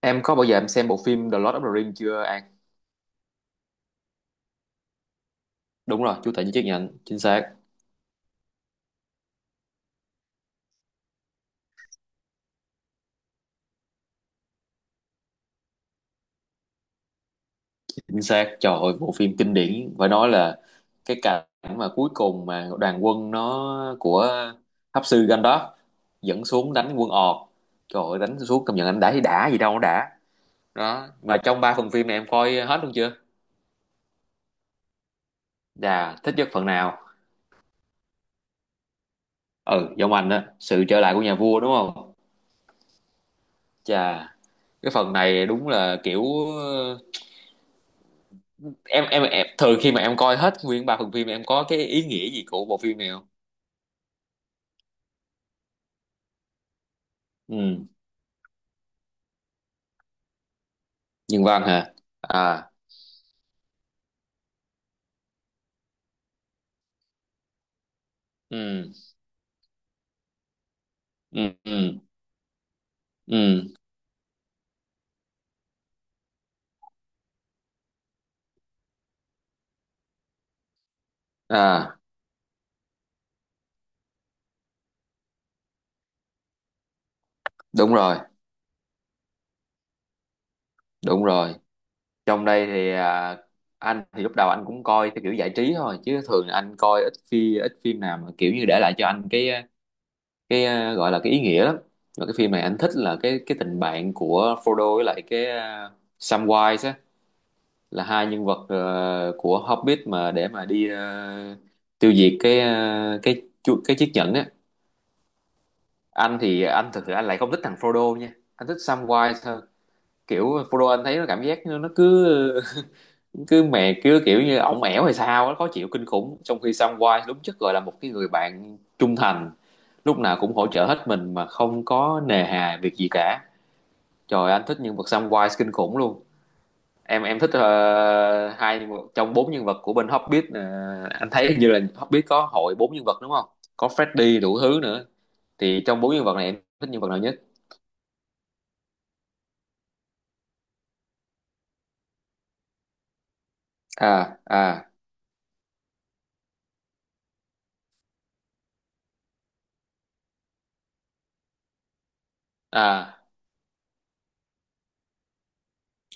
Em có bao giờ em xem bộ phim The Lord of the Rings chưa An? Đúng rồi, chú Tể với chiếc nhẫn, chính xác, chính xác. Trời ơi, bộ phim kinh điển, phải nói là cái cảnh mà cuối cùng mà đoàn quân nó của Pháp sư Gandalf dẫn xuống đánh quân ọt. Trời ơi, đánh xuống công nhận anh đã thì đã gì đâu nó đã. Đó, mà trong ba phần phim này em coi hết luôn chưa? Dạ, thích nhất phần nào? Ừ, giống anh á sự trở lại của nhà vua đúng không? Chà, cái phần này đúng là kiểu em thường khi mà em coi hết nguyên ba phần phim em có cái ý nghĩa gì của bộ phim này không? Ừ, nhân văn hả? À, ừ, ừ, ừ, ừ, à, đúng rồi, đúng rồi. Trong đây thì à, anh thì lúc đầu anh cũng coi theo kiểu giải trí thôi chứ thường anh coi ít phim nào mà kiểu như để lại cho anh cái à, gọi là cái ý nghĩa lắm. Và cái phim này anh thích là cái tình bạn của Frodo với lại cái uh, Samwise á, là hai nhân vật của Hobbit mà để mà đi tiêu diệt cái cái cái chiếc nhẫn á. Anh thì anh thực sự anh lại không thích thằng Frodo nha, anh thích Samwise hơn. Kiểu Frodo anh thấy nó cảm giác nó cứ cứ mè cứ kiểu như ổng ẻo hay sao á, khó chịu kinh khủng, trong khi Samwise đúng chất gọi là một cái người bạn trung thành, lúc nào cũng hỗ trợ hết mình mà không có nề hà việc gì cả. Trời, anh thích nhân vật Samwise kinh khủng luôn. Em thích hai trong bốn nhân vật của bên Hobbit. Ờ, anh thấy hình như là Hobbit có hội bốn nhân vật đúng không, có Freddy đủ thứ nữa. Thì trong bốn nhân vật này em thích nhân vật nào nhất? À, à, à,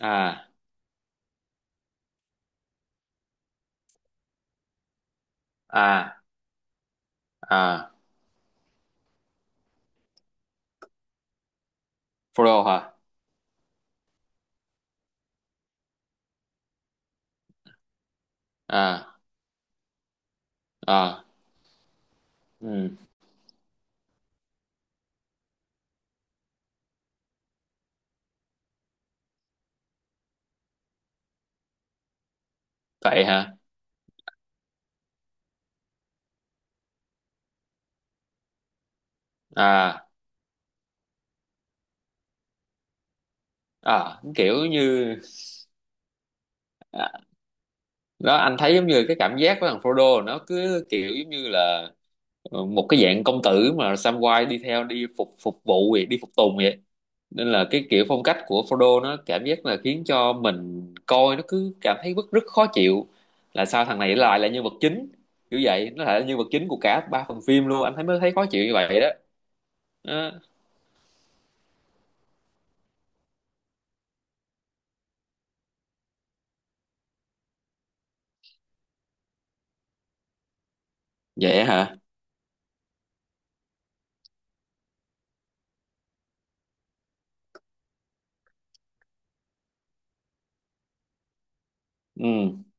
à, à, à, Frodo hả? À, à, ừ, vậy hả? À, à, kiểu như à, đó anh thấy giống như cái cảm giác của thằng Frodo nó cứ kiểu giống như là một cái dạng công tử mà Samwise đi theo đi phục phục vụ vậy, đi phục tùng vậy. Nên là cái kiểu phong cách của Frodo nó cảm giác là khiến cho mình coi nó cứ cảm thấy rất rất khó chịu, là sao thằng này lại là nhân vật chính. Kiểu vậy, nó lại là nhân vật chính của cả ba phần phim luôn, anh thấy mới thấy khó chịu như vậy đó. Đó. Vậy hả? Ừ,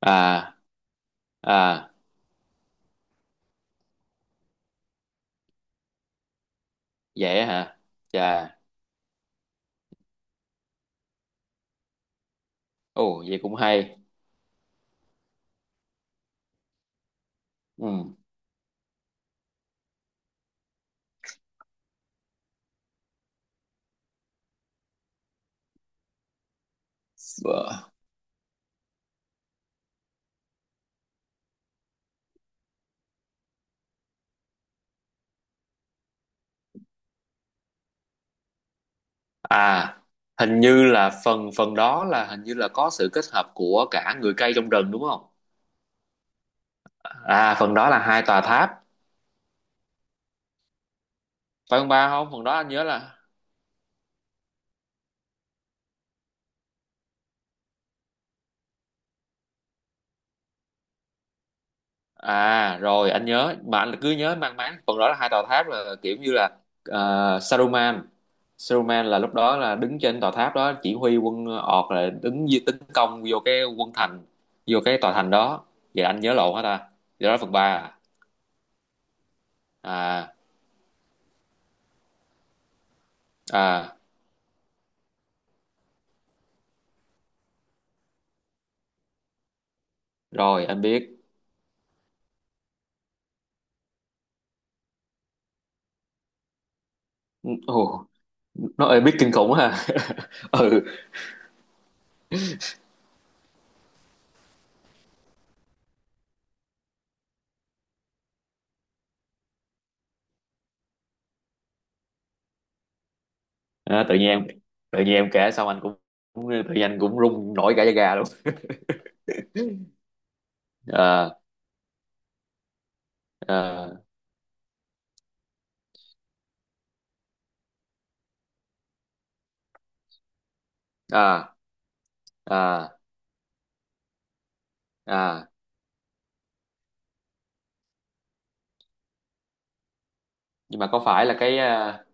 à, à, vậy hả? Chà, ồ vậy cũng hay. Ừ, à, hình như là phần phần đó là hình như là có sự kết hợp của cả người cây trong rừng đúng không? À, phần đó là hai tòa tháp, phải không? Ba, không, phần đó anh nhớ là... À rồi, anh nhớ mà anh cứ nhớ mang máng phần đó là hai tòa tháp, là kiểu như là Saruman. Saruman là lúc đó là đứng trên tòa tháp đó chỉ huy quân ọt, là đứng tấn công vô cái quân thành, vô cái tòa thành đó. Vậy anh nhớ lộn hả ta? Vậy đó là phần ba à? À, à, rồi anh biết. Ồ, nó ơi biết kinh khủng ha. Ừ, à, tự nhiên em... tự nhiên em kể xong anh cũng... cũng- tự nhiên anh cũng run nổi cả da gà luôn. À, à, à, à, à. Nhưng mà có phải là cái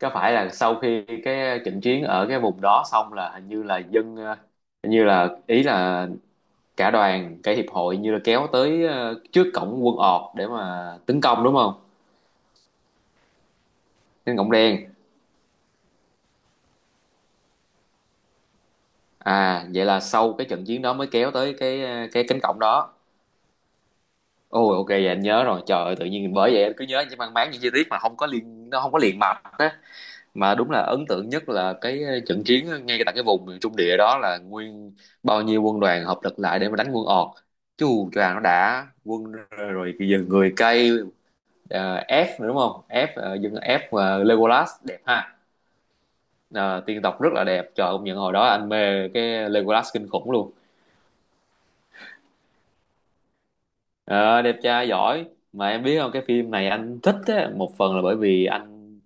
có phải là sau khi cái trận chiến ở cái vùng đó xong là hình như là dân hình như là ý là cả đoàn cả hiệp hội như là kéo tới trước cổng quân ọt để mà tấn công đúng không? Đến cổng đen. À vậy là sau cái trận chiến đó mới kéo tới cái cái cánh cổng đó. Ôi ok, vậy anh nhớ rồi. Trời ơi, tự nhiên bởi vậy anh cứ nhớ những mang máng những chi tiết mà không có liên nó không có liền mạch. Mà đúng là ấn tượng nhất là cái trận chiến ngay tại cái vùng miền Trung địa đó, là nguyên bao nhiêu quân đoàn hợp lực lại để mà đánh quân Ọt, chứ Hù choàng nó đã quân, rồi bây giờ người cây, à, F nữa đúng không? F, à, dân F và Legolas đẹp ha. Ờ, tiên tộc rất là đẹp, trời công nhận hồi đó anh mê cái Legolas kinh khủng luôn. Ờ, đẹp trai giỏi. Mà em biết không, cái phim này anh thích á, một phần là bởi vì anh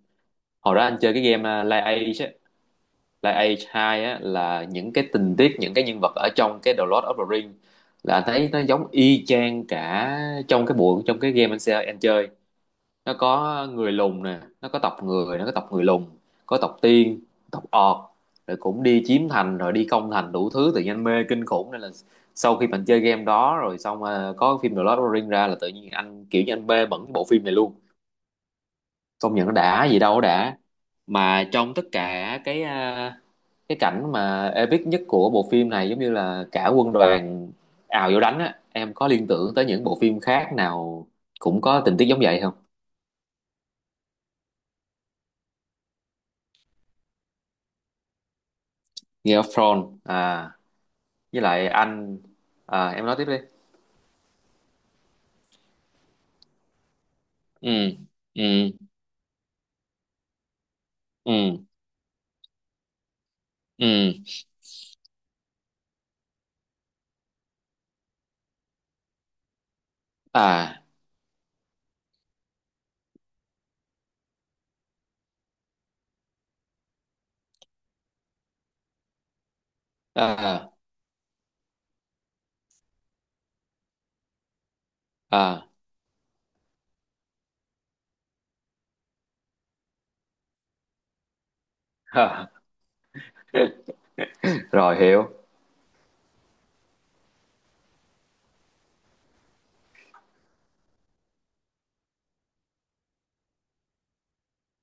hồi đó anh chơi cái game Lies là Age 2 á, là những cái tình tiết những cái nhân vật ở trong cái The Lord of the Rings là anh thấy nó giống y chang cả trong cái bộ trong cái game anh sẽ anh chơi. Nó có người lùn nè, nó có tộc người, nó có tộc người lùn, có tộc tiên, tộc ọt, rồi cũng đi chiếm thành rồi đi công thành đủ thứ, tự nhiên anh mê kinh khủng. Nên là sau khi mình chơi game đó rồi xong mà có phim The Lord of the Rings ra là tự nhiên anh kiểu như anh mê bẩn cái bộ phim này luôn. Công nhận nó đã gì đâu nó đã. Mà trong tất cả cái à, cái cảnh mà epic nhất của bộ phim này giống như là cả quân đoàn ào vô đánh á, em có liên tưởng tới những bộ phim khác nào cũng có tình tiết giống vậy không? Game of Thrones à? Với lại anh... à em nói tiếp đi. Ừ, ừ, ừ, ừ, à, à, à. Rồi hiểu.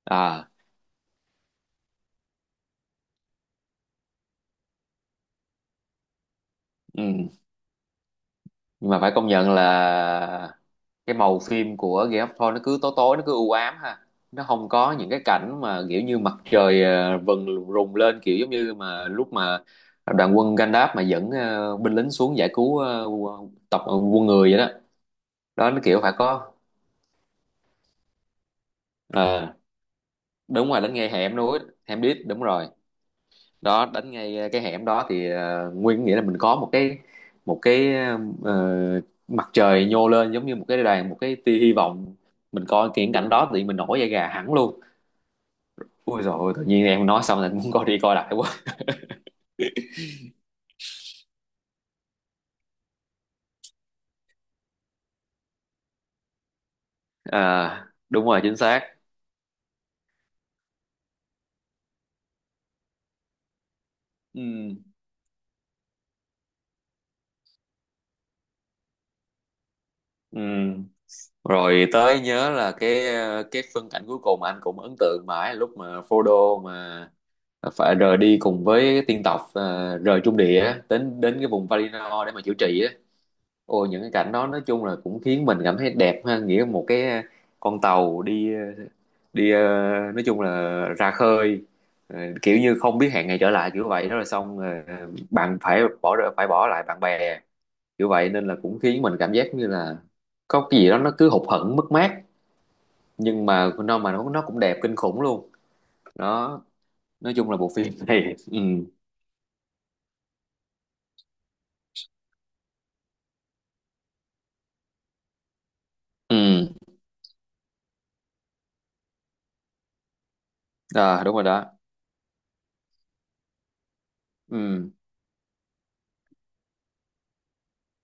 À, ừ. Nhưng mà phải công nhận là cái màu phim của Game of Thrones nó cứ tối tối nó cứ u ám ha, nó không có những cái cảnh mà kiểu như mặt trời vần rùng lên kiểu giống như mà lúc mà đoàn quân Gandalf mà dẫn binh lính xuống giải cứu tộc quân người vậy đó. Đó nó kiểu phải có ờ, đúng rồi, đánh ngay hẻm núi, hẻm đít đúng rồi. Đó đánh ngay cái hẻm đó thì nguyên nghĩa là mình có một cái ờ, mặt trời nhô lên giống như một cái đàn, một cái tia hy vọng. Mình coi cái cảnh đó thì mình nổi da gà hẳn luôn. Ui dồi ôi, tự nhiên em nói xong là muốn coi đi coi lại quá. À, đúng rồi, chính xác. Ừ. Ừ. Rồi tới nhớ là cái cái phân cảnh cuối cùng mà anh cũng ấn tượng mãi lúc mà Frodo mà phải rời đi cùng với tiên tộc rời Trung Địa á, đến đến cái vùng Valinor để mà chữa trị á. Ôi những cái cảnh đó nói chung là cũng khiến mình cảm thấy đẹp ha, nghĩa một cái con tàu đi đi nói chung là ra khơi, kiểu như không biết hẹn ngày trở lại kiểu vậy đó, là xong bạn phải phải bỏ lại bạn bè kiểu vậy, nên là cũng khiến mình cảm giác như là có cái gì đó nó cứ hụt hẫng mất mát, nhưng mà nó mà nó cũng đẹp kinh khủng luôn. Đó, nói chung là bộ phim này... Ừ, ừ, à, đúng rồi đó. Ừ,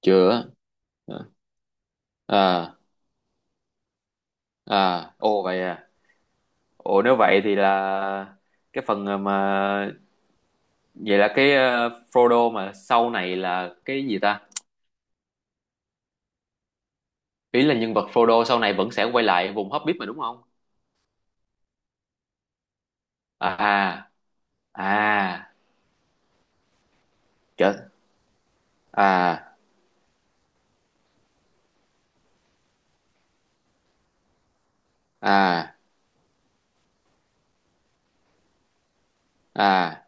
chưa, à, à, ồ vậy à. Ồ nếu vậy thì là cái phần mà vậy là cái Frodo mà sau này là cái gì ta? Ý là nhân vật Frodo sau này vẫn sẽ quay lại vùng Hobbit mà đúng không? À, à, à, trời, à, à, à.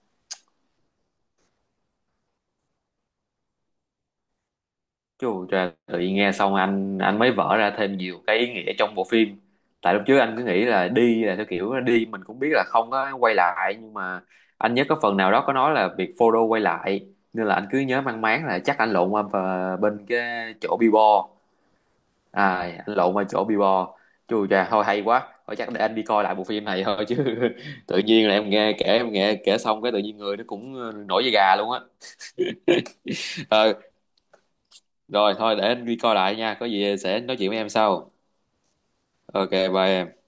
Chú trời, tự nhiên nghe xong anh mới vỡ ra thêm nhiều cái ý nghĩa trong bộ phim. Tại lúc trước anh cứ nghĩ là đi là theo kiểu đi mình cũng biết là không có quay lại, nhưng mà anh nhớ có phần nào đó có nói là việc Frodo quay lại, nên là anh cứ nhớ mang máng là chắc anh lộn qua bên cái chỗ Bilbo. À, anh lộn qua chỗ Bilbo. Chú trời thôi hay quá. Thôi chắc để anh đi coi lại bộ phim này thôi chứ, tự nhiên là em nghe kể xong cái tự nhiên người nó cũng nổi da gà luôn á. Ờ, rồi thôi để anh đi coi lại nha, có gì sẽ nói chuyện với em sau. Ok bye em.